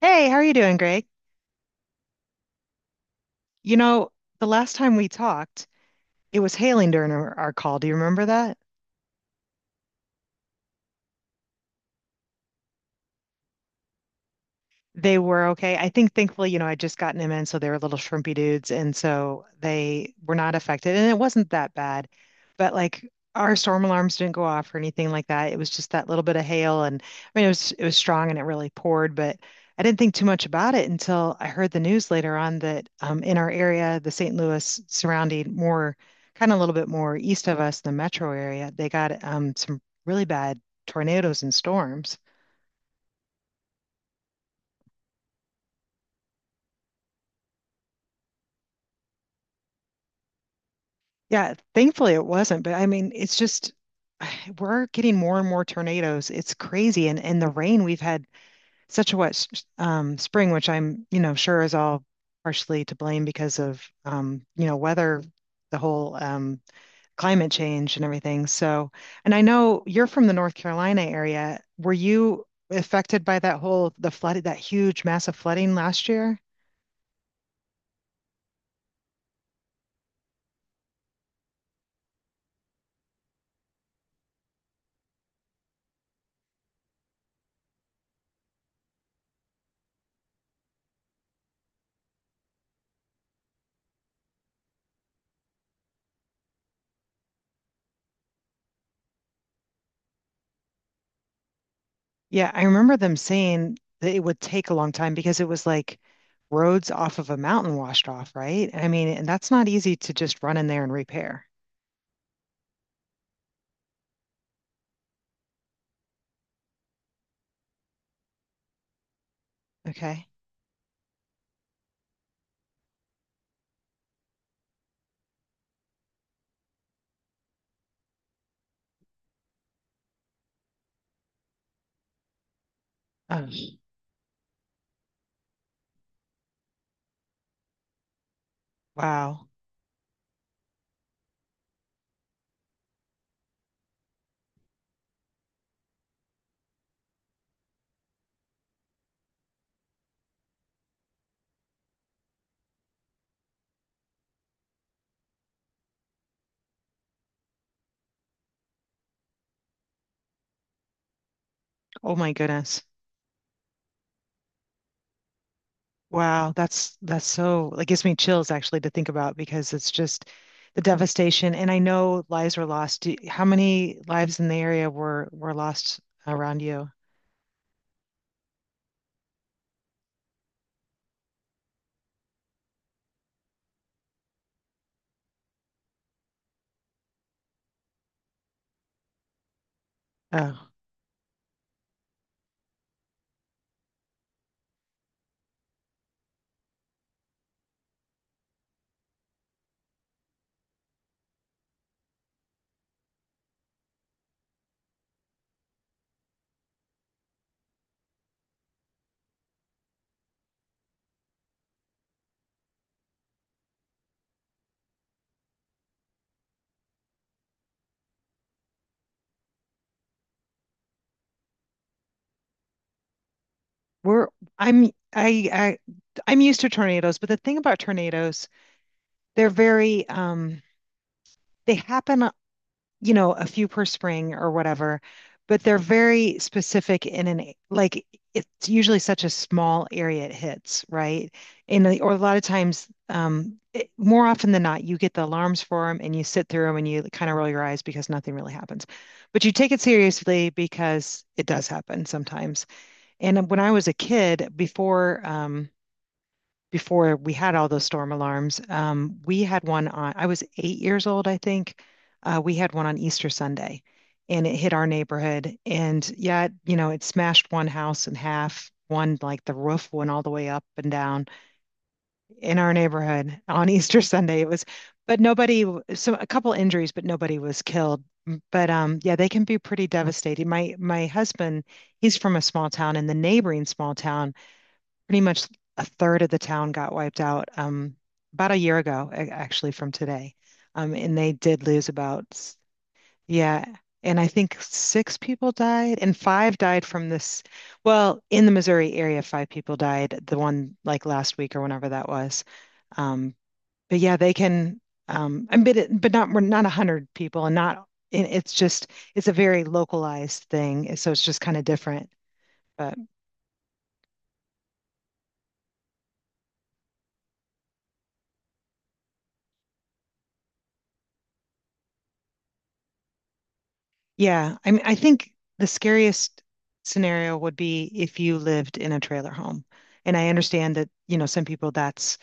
Hey, how are you doing, Greg? You know, the last time we talked, it was hailing during our call. Do you remember that? They were okay. I think thankfully, you know, I'd just gotten him in, so they were little shrimpy dudes, and so they were not affected, and it wasn't that bad. But like our storm alarms didn't go off or anything like that. It was just that little bit of hail, and I mean, it was strong and it really poured, but I didn't think too much about it until I heard the news later on that in our area, the St. Louis surrounding, more kind of a little bit more east of us, the metro area, they got some really bad tornadoes and storms. Yeah, thankfully it wasn't, but I mean, it's just we're getting more and more tornadoes. It's crazy, and the rain we've had such a wet spring, which I'm you know sure is all partially to blame because of you know weather, the whole climate change and everything. So, and I know you're from the North Carolina area. Were you affected by that whole the flood, that huge massive flooding last year? Yeah, I remember them saying that it would take a long time because it was like roads off of a mountain washed off, right? I mean, and that's not easy to just run in there and repair. Okay. Oh, wow. Oh my goodness. Wow, that's so it gives me chills actually to think about because it's just the devastation. And I know lives were lost. Do, how many lives in the area were lost around you? Oh, we're I'm I I'm used to tornadoes, but the thing about tornadoes they're very they happen, you know, a few per spring or whatever, but they're very specific in an like it's usually such a small area it hits, right? And the- or a lot of times it, more often than not you get the alarms for them and you sit through them and you kind of roll your eyes because nothing really happens. But you take it seriously because it does happen sometimes. And when I was a kid, before we had all those storm alarms, we had one on, I was 8 years old, I think. We had one on Easter Sunday and it hit our neighborhood. And yeah, you know, it smashed one house in half. One, like the roof went all the way up and down in our neighborhood on Easter Sunday. It was, but nobody, so a couple injuries, but nobody was killed. But yeah, they can be pretty devastating. My husband, he's from a small town, and the neighboring small town pretty much a third of the town got wiped out about a year ago, actually, from today. And they did lose about, s- yeah. And I think six people died, and five died from this. Well, in the Missouri area, five people died, the one like last week or whenever that was. Um, but yeah, they can, and but, it, but not, we're not 100 people, and not, it, it's just, it's a very localized thing. So it's just kind of different. But yeah, I mean, I think the scariest scenario would be if you lived in a trailer home. And I understand that, you know, some people that's,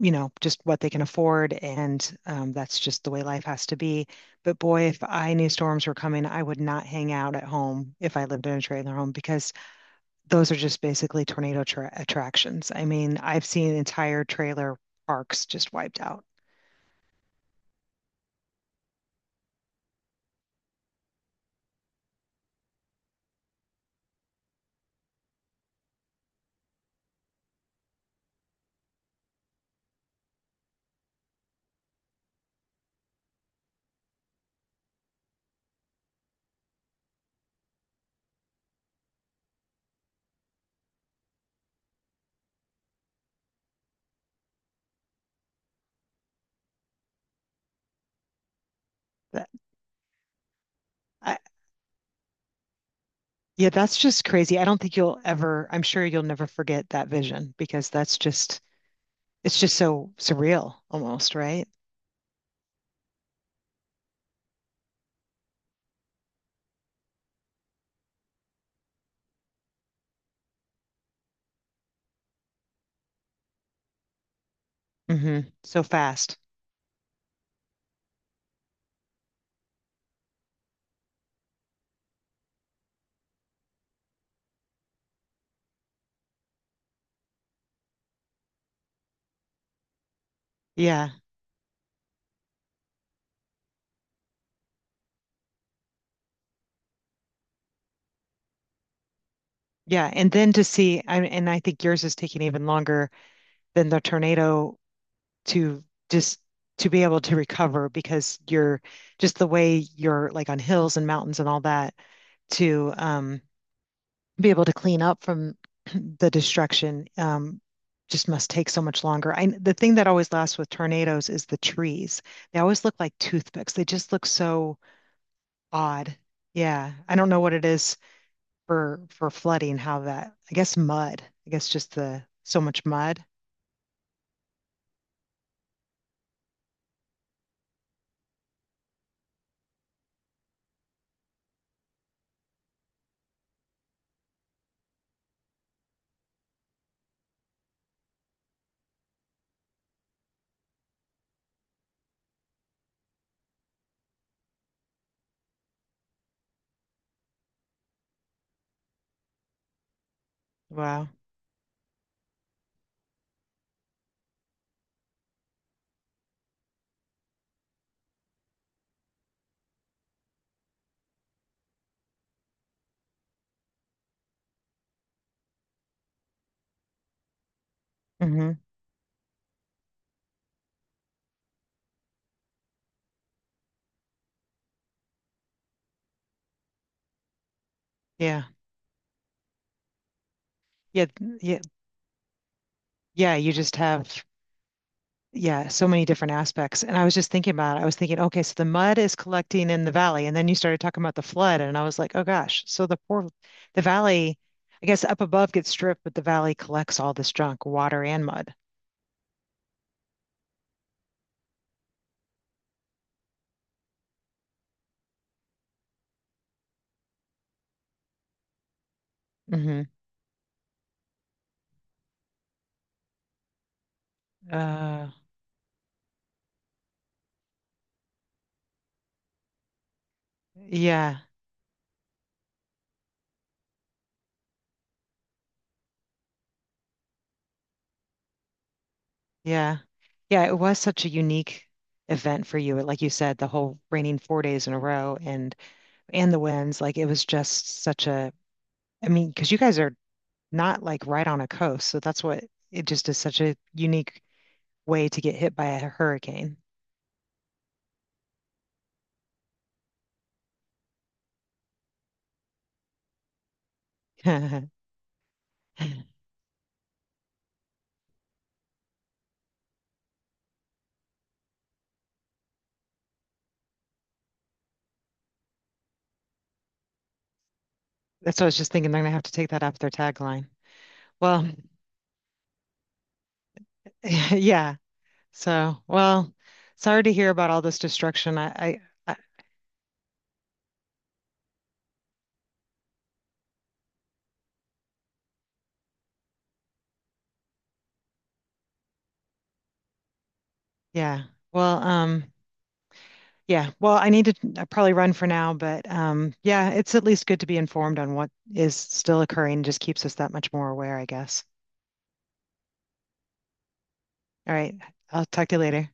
you know, just what they can afford and that's just the way life has to be. But boy, if I knew storms were coming, I would not hang out at home if I lived in a trailer home because those are just basically tornado attractions. I mean, I've seen entire trailer parks just wiped out. That, I, yeah, that's just crazy. I don't think you'll ever, I'm sure you'll never forget that vision because that's just, it's just so surreal almost, right? Hmm. So fast. Yeah. Yeah. And then to see, I, and I think yours is taking even longer than the tornado to just to be able to recover because you're just the way you're like on hills and mountains and all that to be able to clean up from the destruction just must take so much longer. I the thing that always lasts with tornadoes is the trees. They always look like toothpicks. They just look so odd. Yeah, I don't know what it is for flooding, how that, I guess mud. I guess just the so much mud. Wow. Hmm. Yeah. Yeah. Yeah. Yeah, you just have, yeah, so many different aspects. And I was just thinking about it. I was thinking, okay, so the mud is collecting in the valley. And then you started talking about the flood. And I was like, oh gosh. So the poor, the valley, I guess up above gets stripped, but the valley collects all this junk, water and mud. Hmm. Uh, yeah, yeah. Yeah, it was such a unique event for you. Like you said, the whole raining 4 days in a row and the winds, like it was just such a, I mean, because you guys are not like right on a coast. So that's what it just is such a unique way to get hit by a hurricane. That's what I was just thinking. They're gonna have to take that off their tagline. Well, yeah. So, well, sorry to hear about all this destruction. I yeah. Well, yeah. Well, I need to I probably run for now, but yeah, it's at least good to be informed on what is still occurring. Just keeps us that much more aware, I guess. All right. I'll talk to you later.